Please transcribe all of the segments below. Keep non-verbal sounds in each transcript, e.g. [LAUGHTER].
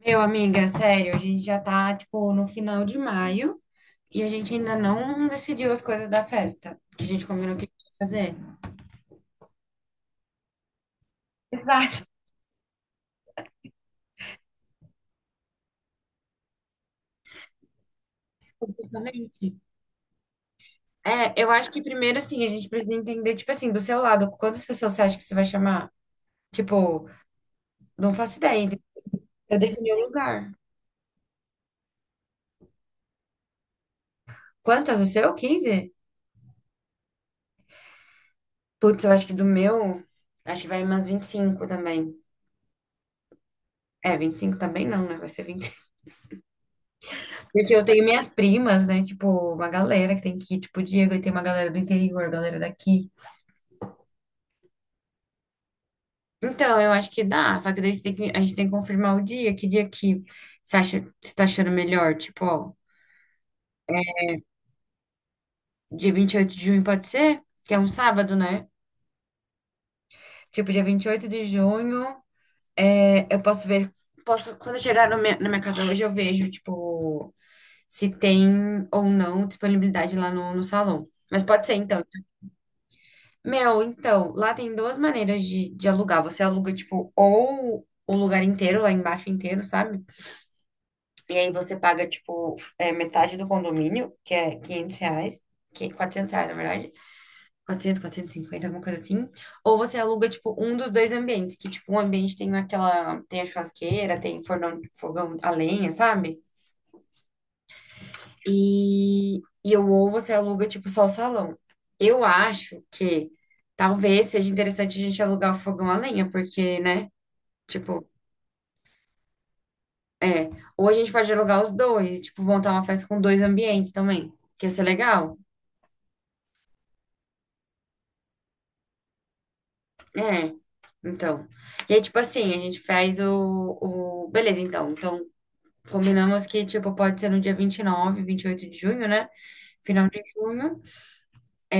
Meu, amiga, sério, a gente já tá, tipo, no final de maio e a gente ainda não decidiu as coisas da festa, que a gente combinou que a gente ia fazer. Exato. Justamente. É, eu acho que primeiro, assim, a gente precisa entender, tipo assim, do seu lado, quantas pessoas você acha que você vai chamar? Tipo, não faço ideia, entendeu? Eu defini o lugar. Quantas? O seu? 15? Putz, eu acho que do meu, acho que vai umas 25 também. É, 25 também não, né? Vai ser. Porque eu tenho minhas primas, né? Tipo, uma galera que tem que ir, tipo, o Diego, e tem uma galera do interior, galera daqui. Então, eu acho que dá, só que daí a gente tem que confirmar o dia que você acha, você tá achando melhor, tipo, ó, dia 28 de junho pode ser? Que é um sábado, né? Tipo, dia 28 de junho, é, eu posso ver, posso, quando eu chegar no minha- na minha casa hoje, eu vejo, tipo, se tem ou não disponibilidade lá no salão. Mas pode ser, então, Mel, então, lá tem duas maneiras de alugar. Você aluga, tipo, ou o lugar inteiro, lá embaixo inteiro, sabe? E aí você paga, tipo, é, metade do condomínio, que é R$ 500, que, R$ 400, na verdade. Quatrocentos e cinquenta, alguma coisa assim. Ou você aluga, tipo, um dos dois ambientes, que, tipo, um ambiente tem aquela, tem a churrasqueira, tem fornão, fogão a lenha, sabe? E, e eu ou você aluga, tipo, só o salão. Eu acho que talvez seja interessante a gente alugar o fogão a lenha, porque, né? Tipo, é. Ou a gente pode alugar os dois, tipo, montar uma festa com dois ambientes também, que ia ser legal. É. Então. E aí, tipo assim, a gente faz o... Beleza, então. Então, combinamos que, tipo, pode ser no dia 29, 28 de junho, né? Final de junho.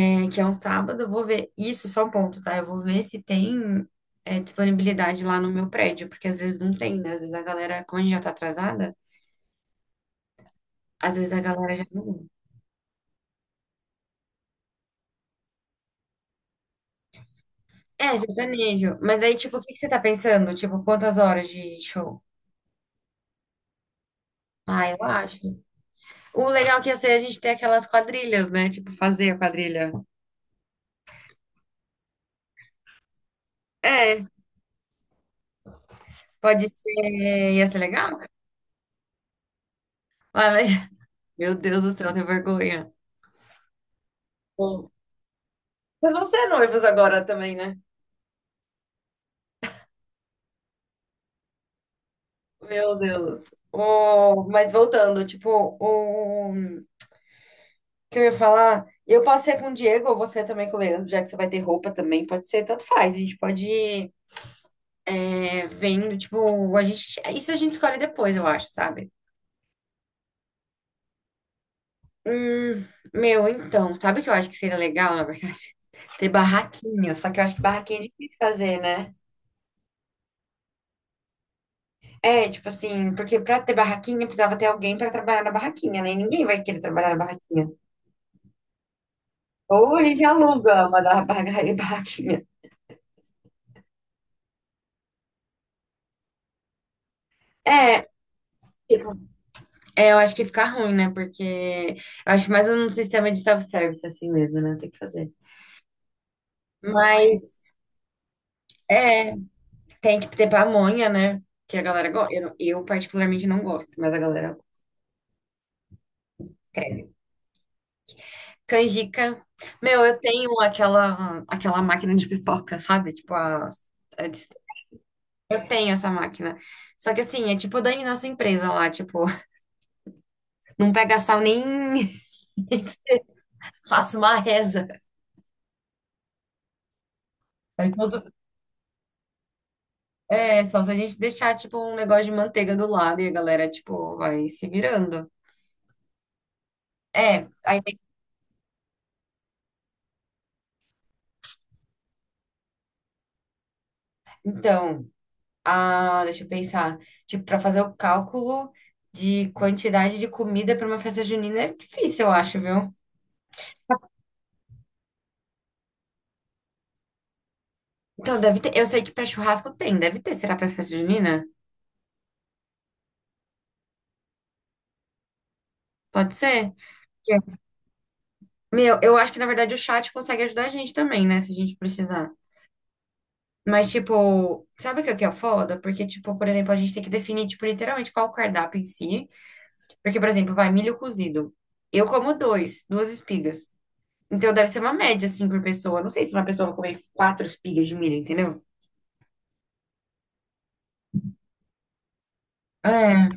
É que é um sábado, eu vou ver. Isso, é só um ponto, tá? Eu vou ver se tem, é, disponibilidade lá no meu prédio, porque às vezes não tem, né? Às vezes a galera, como a gente já tá atrasada, às vezes a galera já não. É, sertanejo. Mas aí, tipo, o que que você tá pensando? Tipo, quantas horas de show? Ah, eu acho. O legal que ia ser a gente ter aquelas quadrilhas, né? Tipo, fazer a quadrilha. É, pode ser. Ia ser legal? Ah, mas... [LAUGHS] Meu Deus do céu, eu tenho vergonha. Bom, mas vão ser noivos agora também, né? Meu Deus. O... Mas voltando, tipo, o que eu ia falar, eu posso ser com o Diego ou você também com o Leandro, já que você vai ter roupa também, pode ser, tanto faz. A gente pode, é, vendo, tipo, a gente... isso a gente escolhe depois, eu acho, sabe? Hum, meu, então, sabe o que eu acho que seria legal, na verdade? [LAUGHS] Ter barraquinha, só que eu acho que barraquinha é difícil fazer, né? É, tipo assim, porque pra ter barraquinha precisava ter alguém pra trabalhar na barraquinha, né? E ninguém vai querer trabalhar na barraquinha. Ou a gente aluga uma da barraquinha. É, fica- é, eu acho que fica ruim, né? Porque eu acho mais um sistema de self-service assim mesmo, né? Tem que fazer. Mas é, tem que ter pamonha, né? Que a galera gosta. Eu particularmente não gosto, mas a galera quer. Canjica. Meu, eu tenho aquela máquina de pipoca, sabe? Tipo a dist- eu tenho essa máquina. Só que assim, é tipo da nossa empresa lá, tipo, [LAUGHS] não pega sal nem [LAUGHS] faço uma reza. É, só se a gente deixar, tipo, um negócio de manteiga do lado e a galera, tipo, vai se virando. É, então, ah, deixa eu pensar. Tipo, pra fazer o cálculo de quantidade de comida pra uma festa junina é difícil, eu acho, viu? Então, deve ter. Eu sei que pra churrasco tem, deve ter. Será pra festa junina? Pode ser? Que... Meu, eu acho que na verdade o chat consegue ajudar a gente também, né? Se a gente precisar. Mas, tipo, sabe o que que é foda? Porque, tipo, por exemplo, a gente tem que definir, tipo, literalmente qual o cardápio em si. Porque, por exemplo, vai milho cozido. Eu como duas espigas. Então deve ser uma média, assim, por pessoa. Não sei se uma pessoa vai comer quatro espigas de milho, entendeu? É,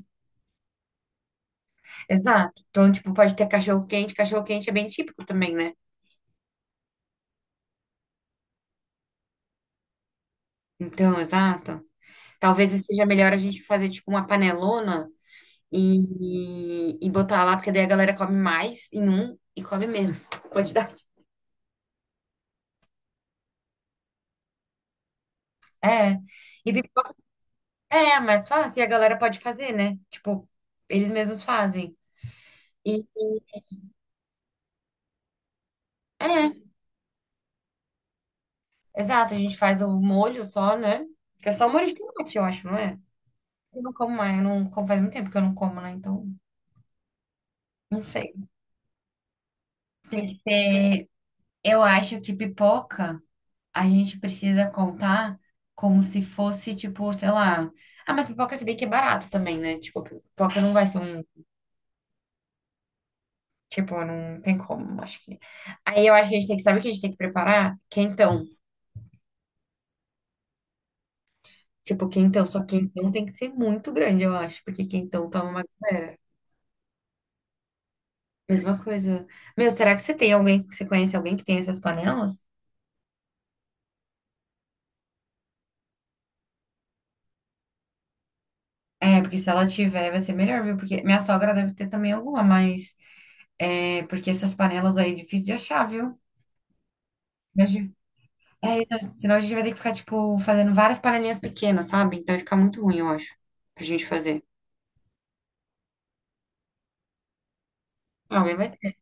exato. Então, tipo, pode ter cachorro-quente. Cachorro-quente é bem típico também, né? Então, exato. Talvez seja melhor a gente fazer, tipo, uma panelona e botar lá, porque daí a galera come mais em um e come menos [LAUGHS] quantidade. É. E pipoca é mais fácil e a galera pode fazer, né? Tipo, eles mesmos fazem. E, é, exato, a gente faz o molho só, né? Que é só molho de tomate, eu acho, não é? Eu não como mais, eu não como faz muito tempo que eu não como, né? Então, não sei. É, eu acho que pipoca a gente precisa contar como se fosse, tipo, sei lá. Ah, mas pipoca se bem que é barato também, né? Tipo, pipoca não vai ser um. Tipo, não tem como, acho que. Aí eu acho que a gente tem que, sabe o que a gente tem que preparar? Quentão. Tipo, quentão, só que quentão tem que ser muito grande, eu acho, porque quentão toma uma galera. Mesma coisa. Meu, será que você tem alguém, você conhece alguém que tem essas panelas? É, porque se ela tiver, vai ser melhor, viu? Porque minha sogra deve ter também alguma, mas é porque essas panelas aí é difícil de achar, viu? Imagina. É, então, senão a gente vai ter que ficar, tipo, fazendo várias panelinhas pequenas, sabe? Então vai ficar muito ruim, eu acho, pra gente fazer. Alguém vai ter.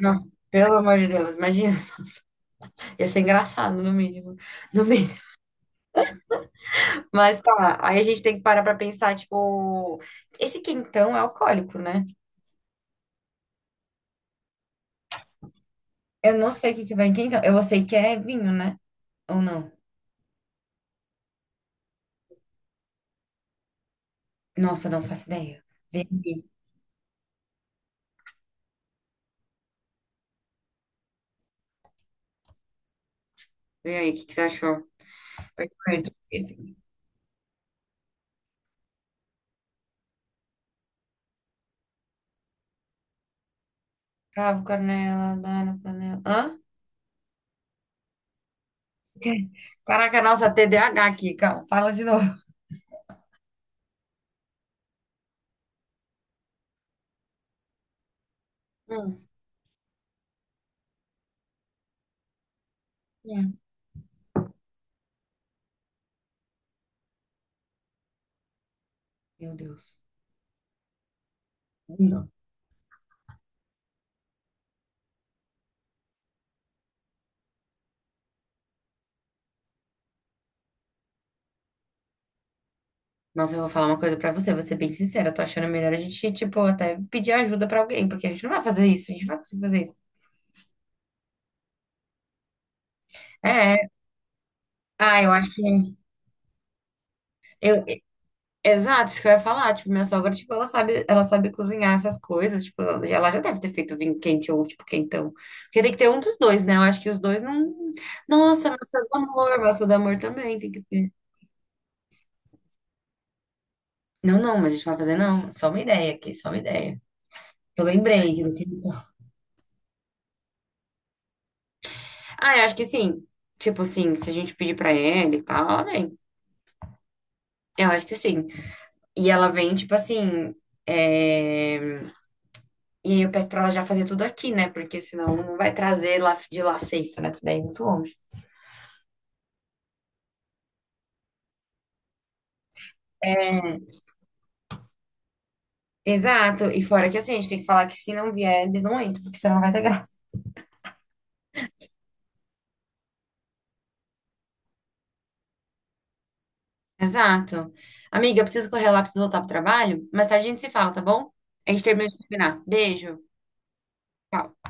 Nossa, pelo amor de Deus, imagina só. Ia ser engraçado, no mínimo. No mínimo. Mas tá, aí a gente tem que parar pra pensar, tipo, esse quentão é alcoólico, né? Eu não sei o que que vai em quem, então. Eu sei que é vinho, né? Ou não? Nossa, não faço ideia. Vem aqui. Vem aí, o que que você achou? Perfeito. Esse. Cravo, canela, dá na panela. Hã? O quê? Caraca, nossa, TDAH aqui, calma. Fala de novo. [LAUGHS] Hum, hum. Meu Deus. Não. Nossa, eu vou falar uma coisa pra você, vou ser bem sincera. Eu tô achando melhor a gente, tipo, até pedir ajuda pra alguém, porque a gente não vai fazer isso, a gente não vai conseguir fazer isso. É, é. Ah, eu acho que. Exato, isso que eu ia falar. Tipo, minha sogra, tipo, ela sabe cozinhar essas coisas. Tipo, ela já deve ter feito vinho quente ou, tipo, quentão. Porque tem que ter um dos dois, né? Eu acho que os dois não. Nossa, maçã do amor também tem que ter. Não, não, mas a gente não vai fazer, não. Só uma ideia aqui, só uma ideia. Eu lembrei do que. Ah, eu acho que sim. Tipo assim, se a gente pedir pra ele e tal, ela vem. Eu acho que sim. E ela vem, tipo assim. É, e aí eu peço pra ela já fazer tudo aqui, né? Porque senão não vai trazer lá de lá feito, né? Porque daí é muito longe. Exato. E fora que assim, a gente tem que falar que se não vier, eles não entram, porque senão não vai ter graça. Exato. Amiga, eu preciso correr lá, preciso voltar pro trabalho. Mais tarde a gente se fala, tá bom? A gente termina de combinar. Beijo. Tchau.